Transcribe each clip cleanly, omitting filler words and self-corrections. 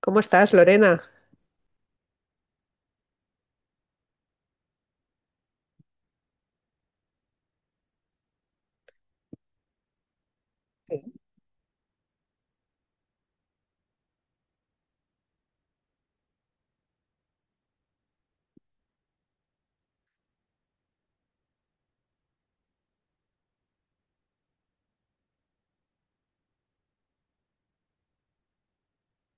¿Cómo estás, Lorena? Sí.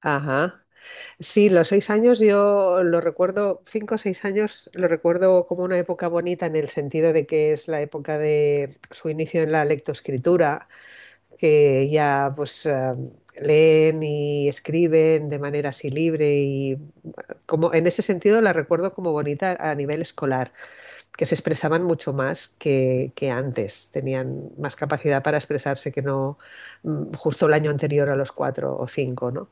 Ajá. Sí, los 6 años yo lo recuerdo, 5 o 6 años lo recuerdo como una época bonita en el sentido de que es la época de su inicio en la lectoescritura, que ya pues leen y escriben de manera así libre y como en ese sentido la recuerdo como bonita a nivel escolar, que se expresaban mucho más que antes, tenían más capacidad para expresarse que no justo el año anterior a los 4 o 5, ¿no?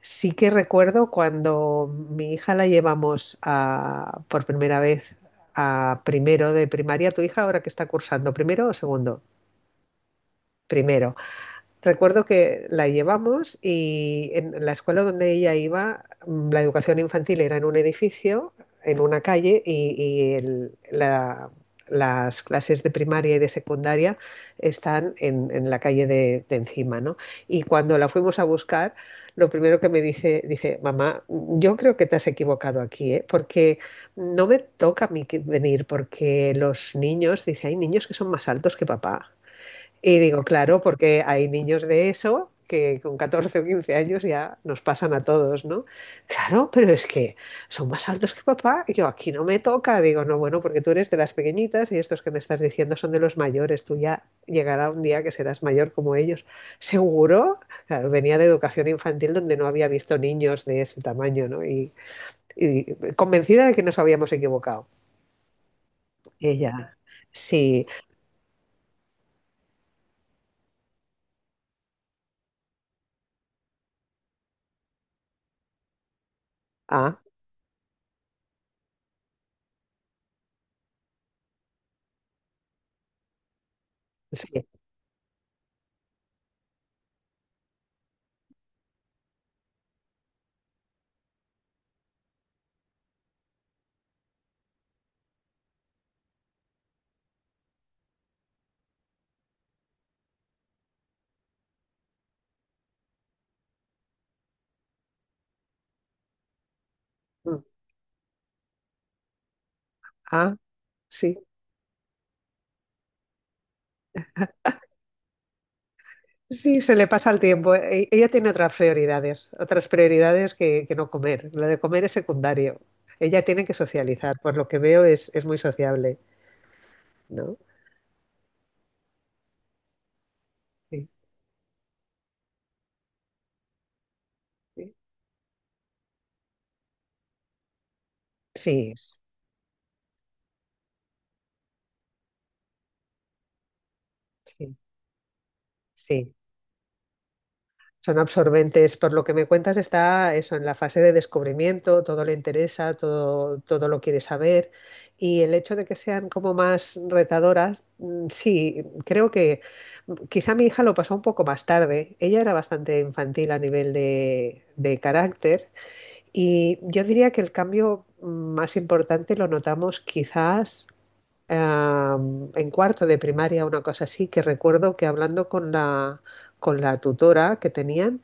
Sí que recuerdo cuando mi hija la llevamos por primera vez a primero de primaria. ¿Tu hija ahora que está cursando? ¿Primero o segundo? Primero. Recuerdo que la llevamos y en la escuela donde ella iba, la educación infantil era en un edificio, en una calle, y las clases de primaria y de secundaria están en la calle de encima, ¿no? Y cuando la fuimos a buscar, lo primero que me dice, mamá, yo creo que te has equivocado aquí, ¿eh? Porque no me toca a mí venir, porque los niños, dice, hay niños que son más altos que papá. Y digo, claro, porque hay niños de eso que con 14 o 15 años ya nos pasan a todos, ¿no? Claro, pero es que son más altos que papá. Y yo aquí no me toca. Digo, no, bueno, porque tú eres de las pequeñitas y estos que me estás diciendo son de los mayores. Tú ya llegará un día que serás mayor como ellos. ¿Seguro? Claro, venía de educación infantil donde no había visto niños de ese tamaño, ¿no? Y convencida de que nos habíamos equivocado. Ella, sí, ah, sí, mm, ah, sí. Sí, se le pasa el tiempo. Ella tiene otras prioridades que no comer. Lo de comer es secundario. Ella tiene que socializar, por lo que veo es muy sociable, ¿no? Sí, sí, sí, sí. Sí. Son absorbentes. Por lo que me cuentas, está eso en la fase de descubrimiento, todo le interesa, todo, todo lo quiere saber. Y el hecho de que sean como más retadoras, sí, creo que quizá mi hija lo pasó un poco más tarde. Ella era bastante infantil a nivel de carácter y yo diría que el cambio más importante lo notamos quizás en cuarto de primaria, una cosa así, que recuerdo que hablando con la, tutora que tenían,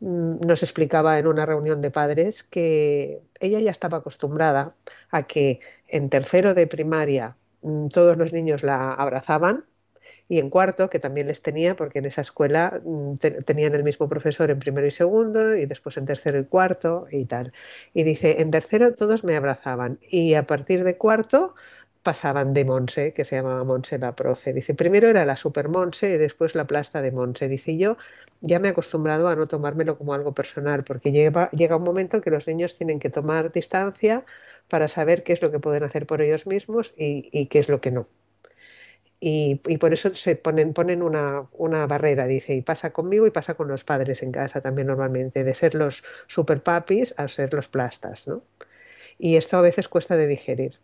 nos explicaba en una reunión de padres que ella ya estaba acostumbrada a que en tercero de primaria todos los niños la abrazaban y en cuarto, que también les tenía, porque en esa escuela tenían el mismo profesor en primero y segundo, y después en tercero y cuarto, y tal. Y dice, en tercero todos me abrazaban, y a partir de cuarto pasaban de Monse, que se llamaba Monse la profe. Dice, primero era la super Monse y después la plasta de Monse. Dice, yo ya me he acostumbrado a no tomármelo como algo personal, porque llega un momento en que los niños tienen que tomar distancia para saber qué es lo que pueden hacer por ellos mismos y qué es lo que no. Y por eso se ponen una barrera, dice, y pasa conmigo y pasa con los padres en casa también normalmente, de ser los super papis a ser los plastas, ¿no? Y esto a veces cuesta de digerir.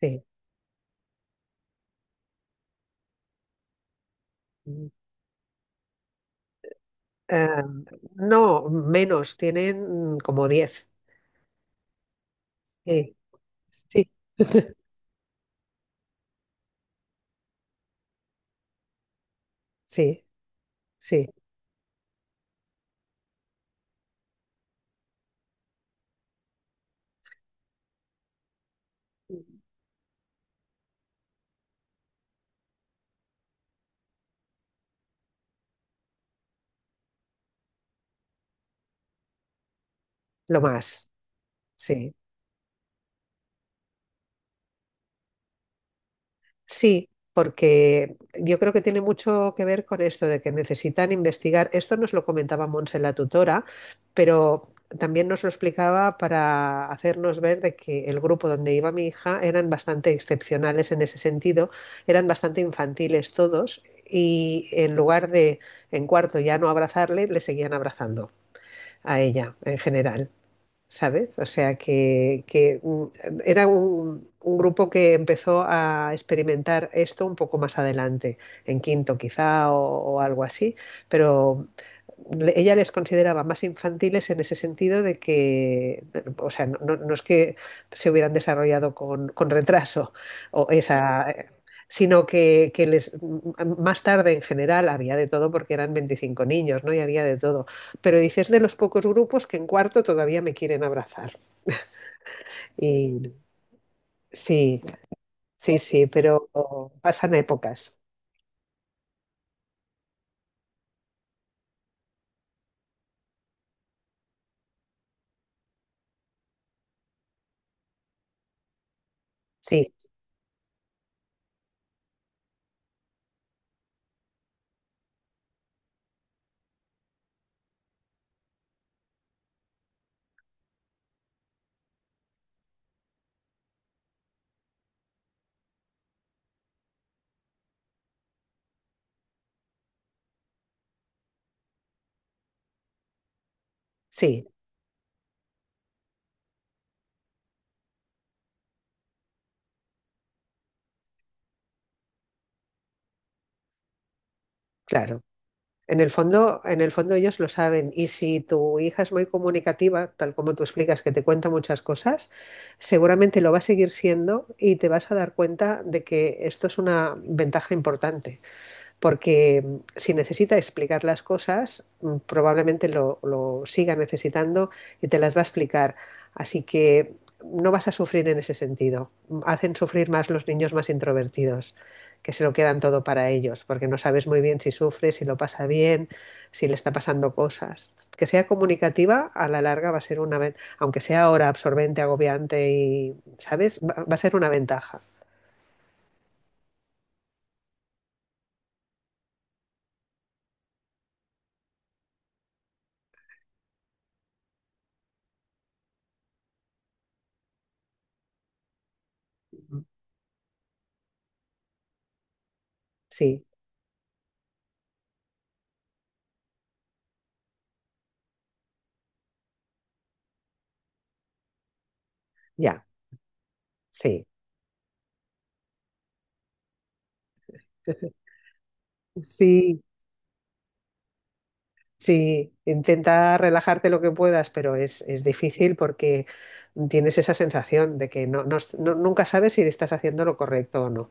Sí. Eh, no, menos, tienen como 10. Sí, sí, sí, sí, lo más, sí. Sí, porque yo creo que tiene mucho que ver con esto de que necesitan investigar. Esto nos lo comentaba Monse la tutora, pero también nos lo explicaba para hacernos ver de que el grupo donde iba mi hija eran bastante excepcionales en ese sentido, eran bastante infantiles todos y en lugar de en cuarto ya no abrazarle, le seguían abrazando a ella en general. ¿Sabes? O sea, que, era un grupo que empezó a experimentar esto un poco más adelante, en quinto quizá o algo así, pero ella les consideraba más infantiles en ese sentido de que, o sea, no es que se hubieran desarrollado con retraso o esa, sino que les más tarde en general había de todo porque eran 25 niños, ¿no? Y había de todo. Pero dices de los pocos grupos que en cuarto todavía me quieren abrazar. Y sí, sí, sí, pero pasan épocas. Sí, sí, claro. En el fondo ellos lo saben y si tu hija es muy comunicativa, tal como tú explicas, que te cuenta muchas cosas, seguramente lo va a seguir siendo y te vas a dar cuenta de que esto es una ventaja importante porque si necesita explicar las cosas, probablemente lo siga necesitando y te las va a explicar. Así que no vas a sufrir en ese sentido. Hacen sufrir más los niños más introvertidos, que se lo quedan todo para ellos, porque no sabes muy bien si sufre, si lo pasa bien, si le está pasando cosas. Que sea comunicativa, a la larga va a ser una ventaja, aunque sea ahora absorbente, agobiante y, ¿sabes? Va a ser una ventaja. Sí, ya, sí. Sí, sí, intenta relajarte lo que puedas, pero es difícil porque tienes esa sensación de que nunca sabes si estás haciendo lo correcto o no.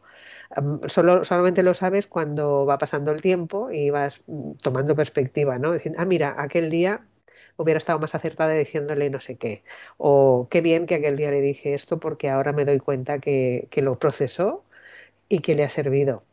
Solamente lo sabes cuando va pasando el tiempo y vas tomando perspectiva, ¿no? Diciendo, ah, mira, aquel día hubiera estado más acertada diciéndole no sé qué. O qué bien que aquel día le dije esto porque ahora me doy cuenta que lo procesó y que le ha servido.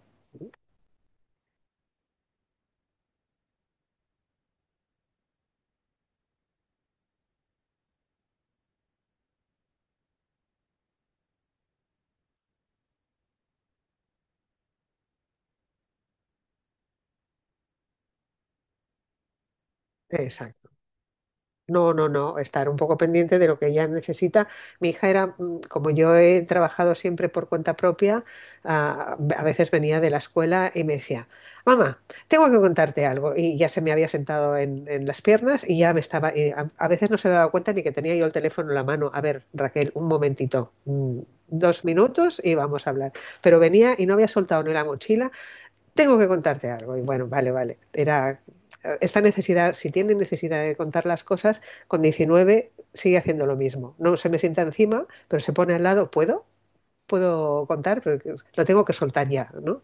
Exacto. No, no, no, estar un poco pendiente de lo que ella necesita. Mi hija era, como yo he trabajado siempre por cuenta propia, a veces venía de la escuela y me decía, mamá, tengo que contarte algo. Y ya se me había sentado en las piernas y ya me estaba, y a veces no se daba cuenta ni que tenía yo el teléfono en la mano. A ver, Raquel, un momentito, 2 minutos y vamos a hablar. Pero venía y no había soltado ni la mochila, tengo que contarte algo. Y bueno, vale, vale. Era esta necesidad, si tiene necesidad de contar las cosas, con 19 sigue haciendo lo mismo. No se me sienta encima, pero se pone al lado. ¿Puedo? Puedo contar, pero lo tengo que soltar ya, ¿no?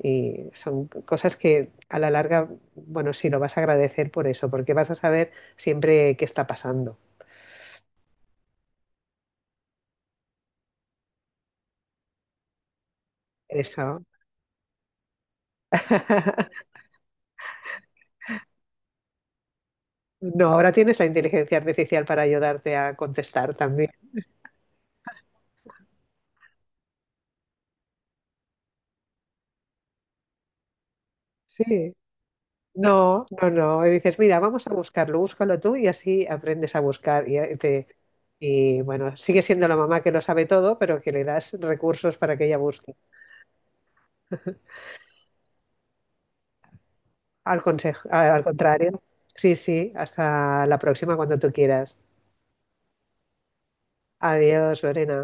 Y son cosas que a la larga, bueno, sí, lo vas a agradecer por eso, porque vas a saber siempre qué está pasando. Eso. No, ahora tienes la inteligencia artificial para ayudarte a contestar también. Sí. No, no, no. Y dices, mira, vamos a buscarlo, búscalo tú y así aprendes a buscar. Y bueno, sigue siendo la mamá que lo sabe todo, pero que le das recursos para que ella busque. Al consejo, al contrario. Sí, sí, hasta la próxima cuando tú quieras. Adiós, Lorena.